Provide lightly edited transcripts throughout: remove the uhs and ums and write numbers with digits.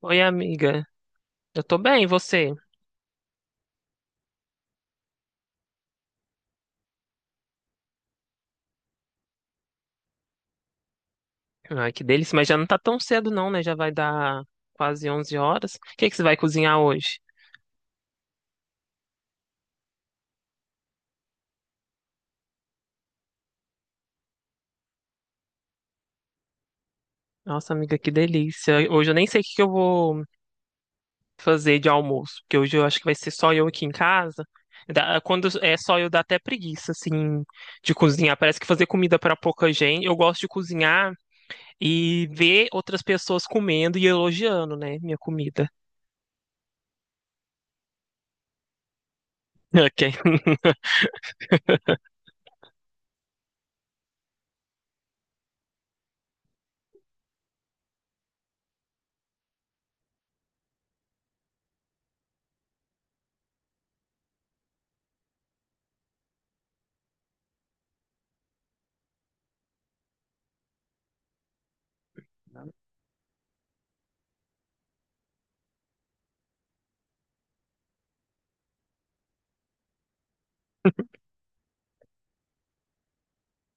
Oi, amiga. Eu tô bem, e você? Ai, que delícia, mas já não tá tão cedo não, né? Já vai dar quase 11 horas. O que que você vai cozinhar hoje? Nossa, amiga, que delícia. Hoje eu nem sei o que que eu vou fazer de almoço, porque hoje eu acho que vai ser só eu aqui em casa. Quando é só eu, dá até preguiça, assim, de cozinhar. Parece que fazer comida pra pouca gente. Eu gosto de cozinhar e ver outras pessoas comendo e elogiando, né, minha comida. Ok.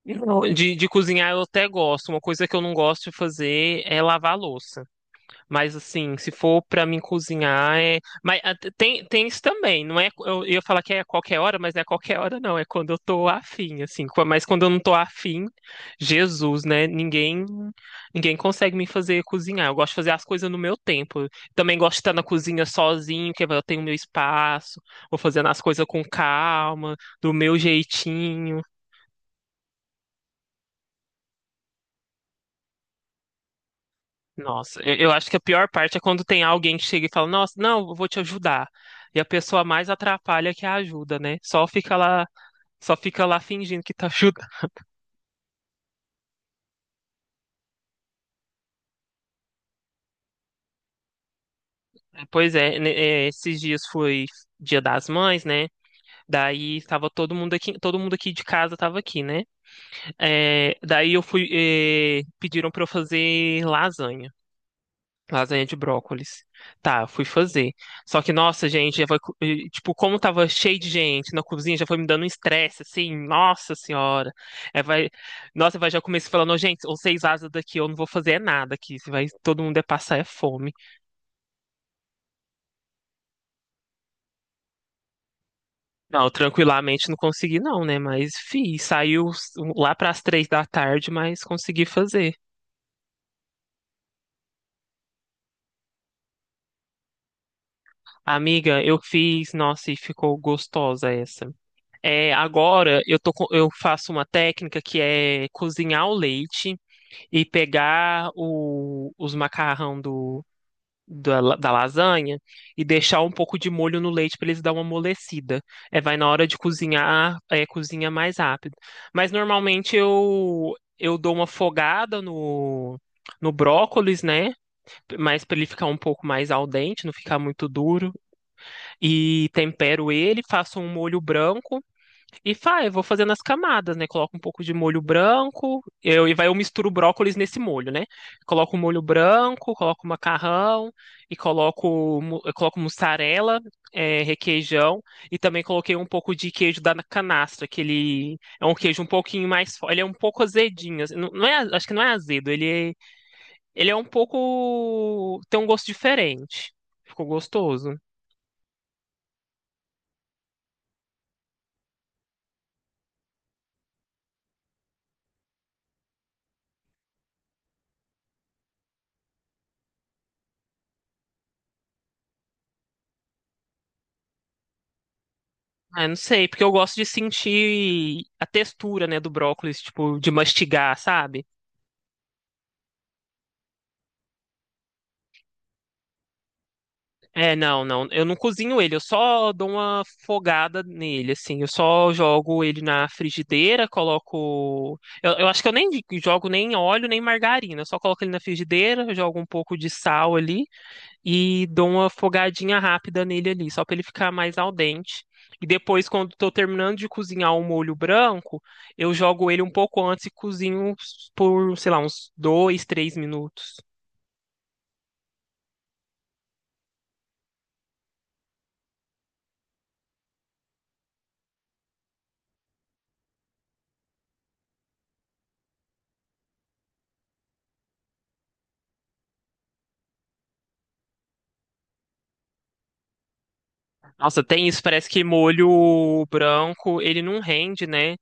Não, de cozinhar eu até gosto. Uma coisa que eu não gosto de fazer é lavar a louça. Mas assim, se for pra mim cozinhar, é. Mas tem isso também. Não é, eu ia falar que é a qualquer hora, mas não é a qualquer hora, não. É quando eu tô afim, assim. Mas quando eu não tô afim, Jesus, né? Ninguém consegue me fazer cozinhar. Eu gosto de fazer as coisas no meu tempo. Também gosto de estar na cozinha sozinho, que eu tenho meu espaço, vou fazendo as coisas com calma, do meu jeitinho. Nossa, eu acho que a pior parte é quando tem alguém que chega e fala: nossa, não, eu vou te ajudar. E a pessoa mais atrapalha que a ajuda, né? Só fica lá fingindo que tá ajudando. Pois é, né, é, esses dias foi Dia das Mães, né? Daí estava todo mundo aqui de casa tava aqui, né? É, daí eu fui, é, pediram para eu fazer lasanha. Lasanha de brócolis. Tá, eu fui fazer. Só que, nossa, gente, já foi, e, tipo, como tava cheio de gente na cozinha, já foi me dando um estresse, assim, nossa senhora. É, vai, nossa, vai, já comecei falando: "Ô, gente, vocês vazam daqui, eu não vou fazer é nada aqui, se vai, todo mundo é passar é fome." Não, eu tranquilamente não consegui não, né, mas, lá pras três da tarde, mas consegui fazer. Amiga, eu fiz, nossa, e ficou gostosa essa. É, agora eu tô, eu faço uma técnica que é cozinhar o leite e pegar os macarrão da lasanha e deixar um pouco de molho no leite para eles dar uma amolecida. É, vai na hora de cozinhar, é, cozinha mais rápido. Mas normalmente eu dou uma fogada no brócolis, né? Mas para ele ficar um pouco mais al dente, não ficar muito duro. E tempero ele, faço um molho branco e faz, eu vou fazendo as camadas, né? Coloco um pouco de molho branco, eu, e vai eu misturo o brócolis nesse molho, né? Coloco o molho branco, coloco o macarrão, e coloco, mu- eu coloco mussarela, é, requeijão, e também coloquei um pouco de queijo da canastra, que ele é um queijo um pouquinho mais, ele é um pouco azedinho, assim, não, não é, acho que não é azedo, ele é um pouco, tem um gosto diferente. Ficou gostoso. Ah, eu não sei, porque eu gosto de sentir a textura, né, do brócolis, tipo, de mastigar, sabe? É, não, não, eu não cozinho ele, eu só dou uma fogada nele, assim, eu só jogo ele na frigideira, coloco. Eu acho que eu nem jogo nem óleo, nem margarina, eu só coloco ele na frigideira, jogo um pouco de sal ali. E dou uma fogadinha rápida nele ali, só para ele ficar mais al dente. E depois, quando estou terminando de cozinhar o molho branco, eu jogo ele um pouco antes e cozinho por, sei lá, uns dois, três minutos. Nossa, tem isso, parece que molho branco, ele não rende, né?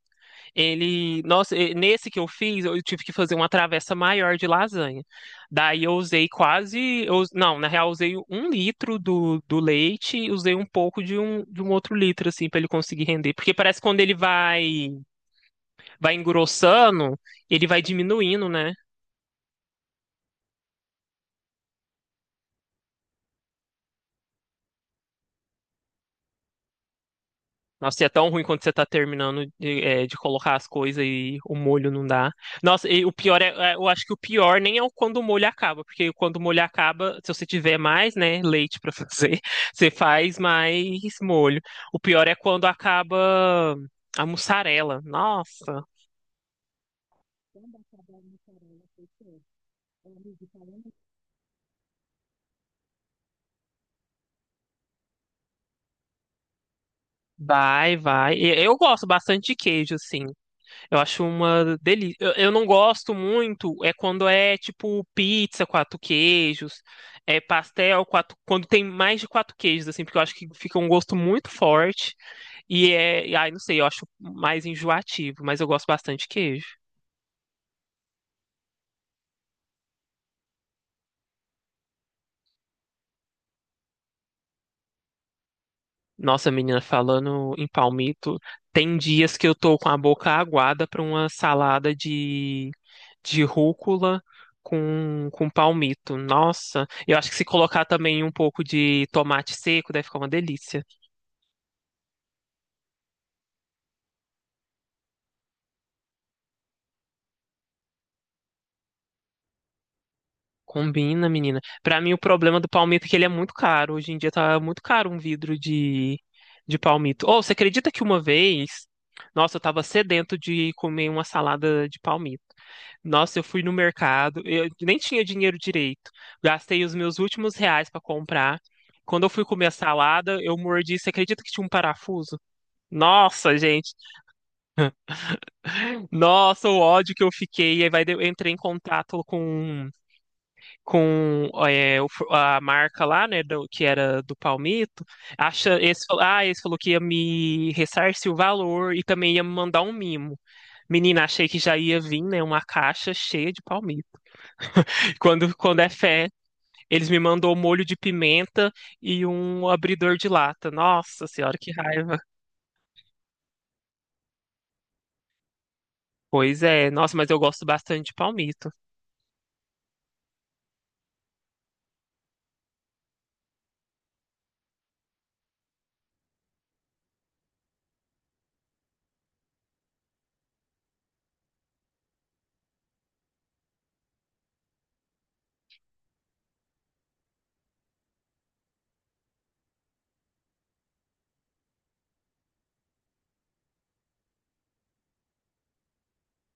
Ele, nossa, nesse que eu fiz, eu tive que fazer uma travessa maior de lasanha. Daí eu usei quase, não, na real, eu usei um litro do leite e usei um pouco de um outro litro, assim, para ele conseguir render. Porque parece que quando ele vai engrossando, ele vai diminuindo, né? Nossa, e é tão ruim quando você tá terminando de colocar as coisas e o molho não dá. Nossa, e o pior é, eu acho que o pior nem é o quando o molho acaba, porque quando o molho acaba, se você tiver mais, né, leite pra fazer, você faz mais molho. O pior é quando acaba a mussarela. Nossa, vai, vai. E eu gosto bastante de queijo, assim. Eu acho uma delícia. Eu não gosto muito é quando é tipo pizza, quatro queijos, é pastel, quatro, quando tem mais de quatro queijos, assim, porque eu acho que fica um gosto muito forte e ai, não sei, eu acho mais enjoativo, mas eu gosto bastante de queijo. Nossa, menina, falando em palmito, tem dias que eu tô com a boca aguada pra uma salada de rúcula com palmito. Nossa, eu acho que se colocar também um pouco de tomate seco, deve ficar uma delícia. Combina, menina. Pra mim, o problema do palmito é que ele é muito caro. Hoje em dia tá muito caro um vidro de palmito. Ou você acredita que uma vez, nossa, eu tava sedento de comer uma salada de palmito. Nossa, eu fui no mercado, eu nem tinha dinheiro direito. Gastei os meus últimos reais pra comprar. Quando eu fui comer a salada, eu mordi. Você acredita que tinha um parafuso? Nossa, gente. Nossa, o ódio que eu fiquei. Aí vai, eu entrei em contato com a marca lá, né, que era do Palmito, acha, esse, esse falou que ia me ressarcir o valor e também ia me mandar um mimo. Menina, achei que já ia vir, né, uma caixa cheia de palmito. Quando é fé, eles me mandou um molho de pimenta e um abridor de lata. Nossa senhora, que raiva. Pois é, nossa, mas eu gosto bastante de palmito.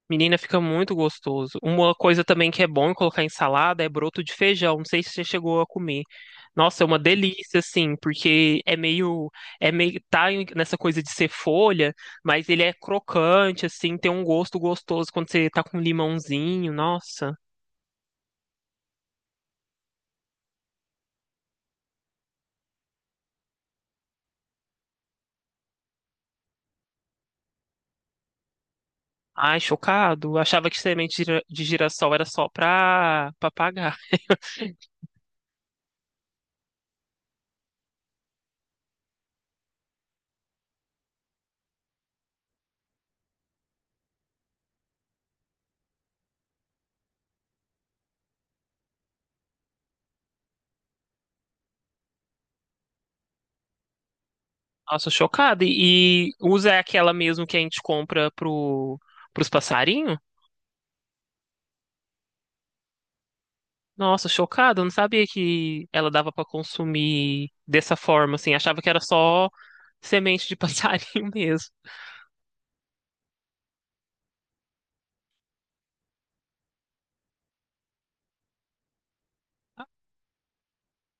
Menina, fica muito gostoso. Uma coisa também que é bom colocar em salada é broto de feijão. Não sei se você chegou a comer. Nossa, é uma delícia, assim, porque é meio, nessa coisa de ser folha, mas ele é crocante, assim, tem um gosto gostoso quando você tá com limãozinho. Nossa, ai, chocado. Achava que semente de de girassol era só pra pagar. Nossa, chocado. E usa aquela mesmo que a gente compra pros passarinhos? Nossa, chocada, eu não sabia que ela dava pra consumir dessa forma, assim, achava que era só semente de passarinho mesmo.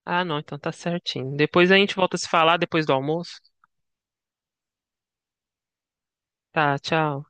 Ah, não, então tá certinho. Depois a gente volta a se falar depois do almoço. Tá, tchau.